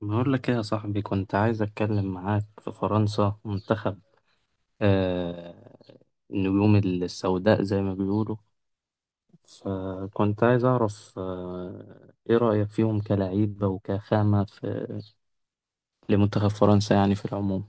بقول لك ايه يا صاحبي، كنت عايز اتكلم معاك في فرنسا منتخب آه النجوم السوداء زي ما بيقولوا. فكنت عايز اعرف ايه رأيك فيهم كلعيبة وكخامة في لمنتخب فرنسا يعني في العموم.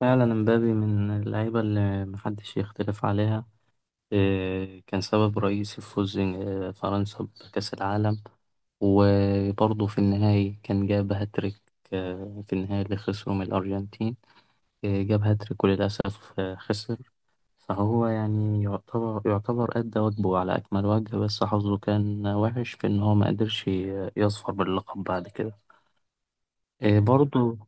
فعلا مبابي من اللعيبة اللي محدش يختلف عليها. كان سبب رئيسي في فوز فرنسا بكأس العالم. وبرضه في النهاية كان جاب هاتريك، في النهاية اللي خسروا من الأرجنتين. جاب هاتريك وللأسف خسر. فهو يعني يعتبر أدى واجبه على أكمل وجه، بس حظه كان وحش في إن هو ما قدرش يظفر باللقب بعد كده. إيه برضه.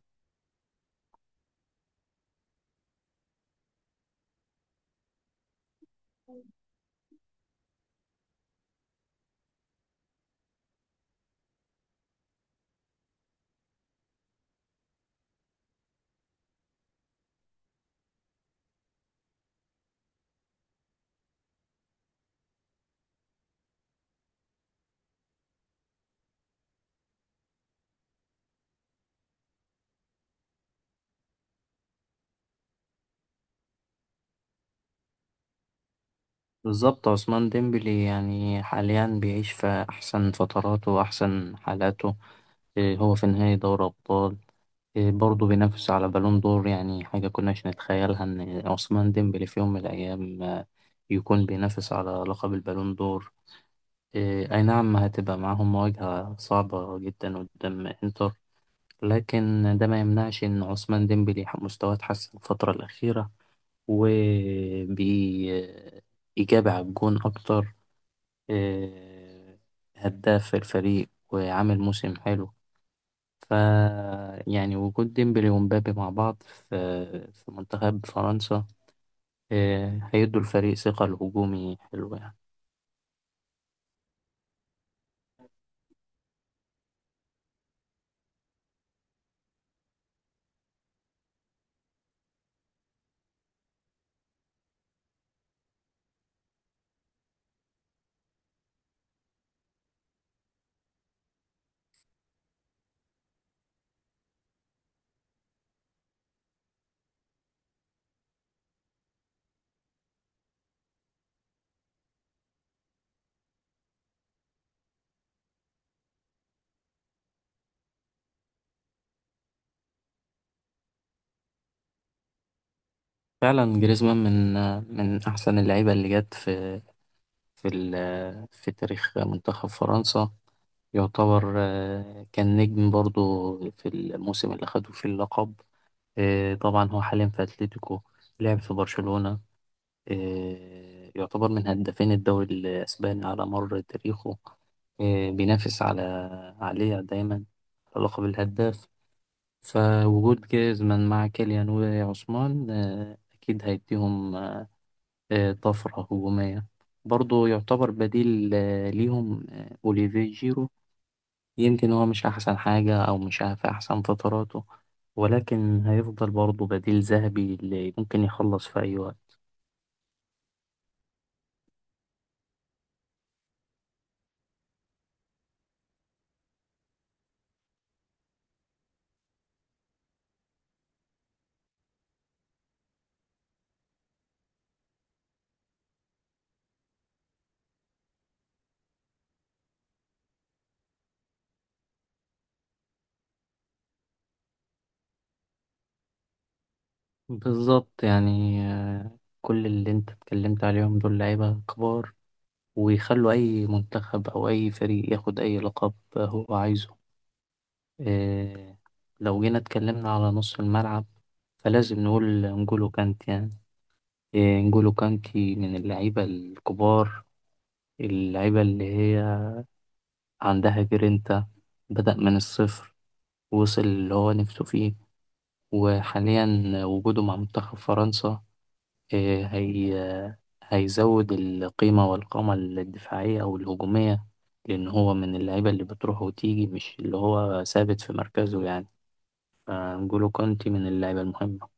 بالظبط، عثمان ديمبلي يعني حاليا بيعيش في أحسن فتراته وأحسن حالاته. إيه، هو في نهاية دوري أبطال، إيه برضه بينافس على بالون دور، يعني حاجة كناش نتخيلها إن عثمان ديمبلي في يوم من الأيام يكون بينافس على لقب البالون دور. إيه، أي نعم، هتبقى معاهم مواجهة صعبة جدا قدام إنتر، لكن ده ما يمنعش إن عثمان ديمبلي مستواه اتحسن الفترة الأخيرة وبإجابة على الجون أكتر. إيه، هداف الفريق وعامل موسم حلو. ف يعني وجود ديمبلي ومبابي مع بعض في منتخب فرنسا، إيه، هيدوا الفريق ثقة الهجومي حلوة يعني. فعلا جريزمان من أحسن اللعيبة اللي جت في تاريخ منتخب فرنسا. يعتبر كان نجم برضو في الموسم اللي خدوا فيه اللقب. طبعا هو حاليا في أتلتيكو، لعب في برشلونة، يعتبر من هدافين الدوري الأسباني على مر تاريخه. بينافس عليه دايما على لقب الهداف. فوجود جيزمان مع كيليان وعثمان أكيد هيديهم طفرة هجومية. برضه يعتبر بديل ليهم أوليفيه جيرو. يمكن هو مش أحسن حاجة أو مش في أحسن فتراته، ولكن هيفضل برضه بديل ذهبي اللي ممكن يخلص في أي وقت. بالظبط، يعني كل اللي أنت اتكلمت عليهم دول لعيبة كبار، ويخلوا أي منتخب أو أي فريق ياخد أي لقب هو عايزه. آه، لو جينا اتكلمنا على نص الملعب، فلازم نقول نجولو كانت، يعني إيه، انجولو كانتي من اللعيبة الكبار، اللعيبة اللي هي عندها جرينتا. بدأ من الصفر، وصل اللي هو نفسه فيه. وحاليا وجوده مع منتخب فرنسا، إيه، هيزود القيمة والقامة الدفاعية أو الهجومية، لأن هو من اللعيبة اللي بتروح وتيجي مش اللي هو ثابت في مركزه يعني. فانجولو كانتي من اللعيبة المهمة.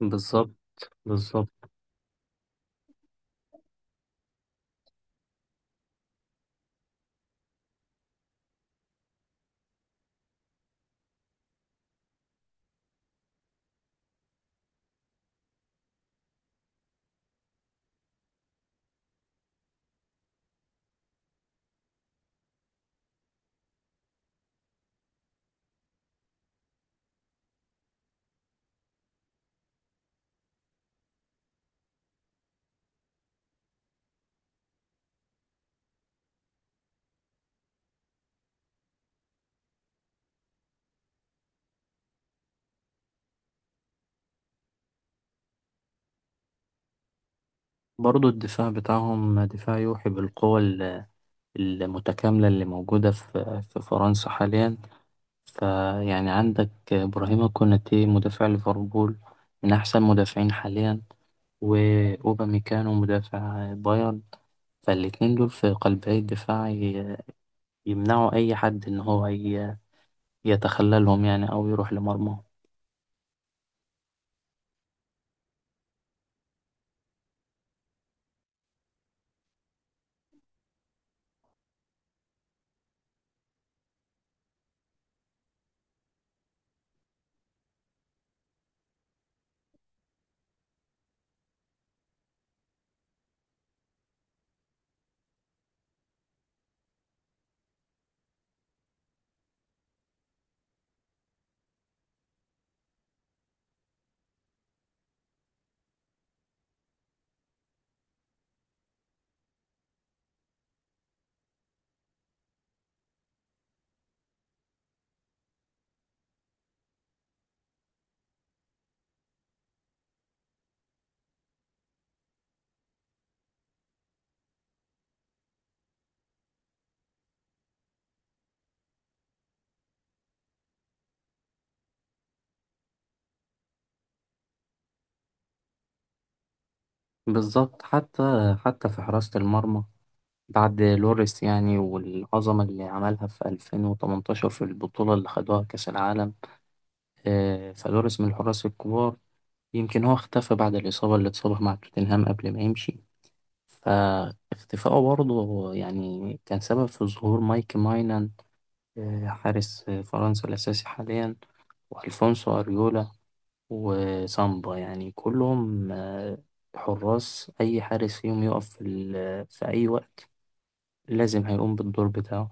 بالظبط. بالظبط. برضه الدفاع بتاعهم دفاع يوحي بالقوة المتكاملة اللي موجودة في فرنسا حاليا. فيعني عندك إبراهيم كوناتي مدافع ليفربول، من أحسن مدافعين حاليا، وأوباميكانو مدافع بايرن، فالاتنين دول في قلبي الدفاع يمنعوا أي حد إن هو يتخللهم يعني أو يروح لمرمى. بالظبط، حتى في حراسة المرمى بعد لوريس، يعني والعظمة اللي عملها في 2018 في البطولة اللي خدوها كأس العالم. فلوريس من الحراس الكبار. يمكن هو اختفى بعد الإصابة اللي اتصابها مع توتنهام قبل ما يمشي، فاختفائه برضه يعني كان سبب في ظهور مايك ماينان، حارس فرنسا الأساسي حاليا. وألفونسو أريولا وسامبا، يعني كلهم حراس، أي حارس فيهم يقف في أي وقت لازم هيقوم بالدور بتاعه.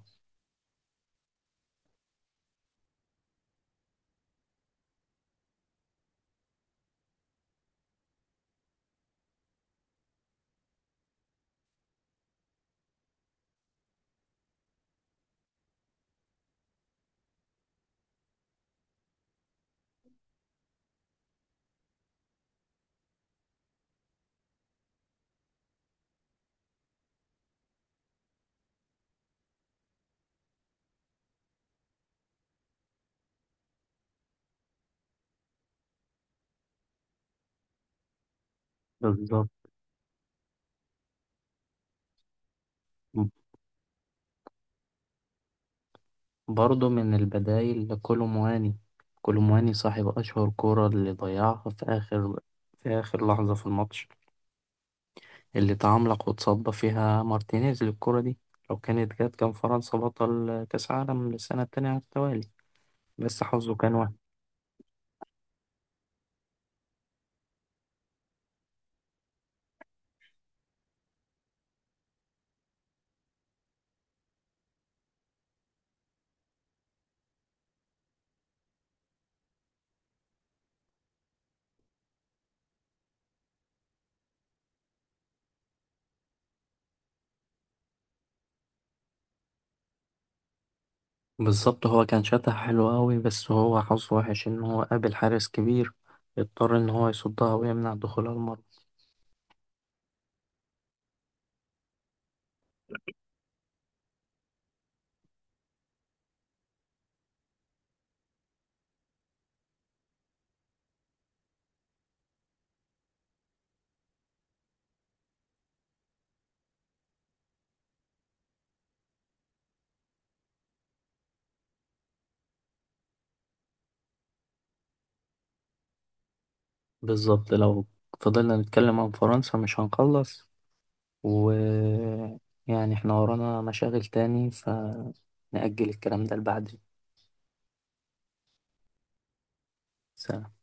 بالظبط. برضه من البدايل لكولومواني، كولومواني صاحب أشهر كورة اللي ضيعها في آخر لحظة في الماتش، اللي تعملق وتصدى فيها مارتينيز للكرة دي، لو كانت جت كان فرنسا بطل كأس عالم للسنة التانية على التوالي. بس حظه كان وحش. بالظبط، هو كان شاتها حلو قوي، بس هو حظه وحش إن هو قابل حارس كبير، اضطر إن هو يصدها ويمنع دخولها المرمى. بالظبط، لو فضلنا نتكلم عن فرنسا مش هنخلص، و يعني احنا ورانا مشاغل تاني، فنأجل الكلام ده لبعد سنة.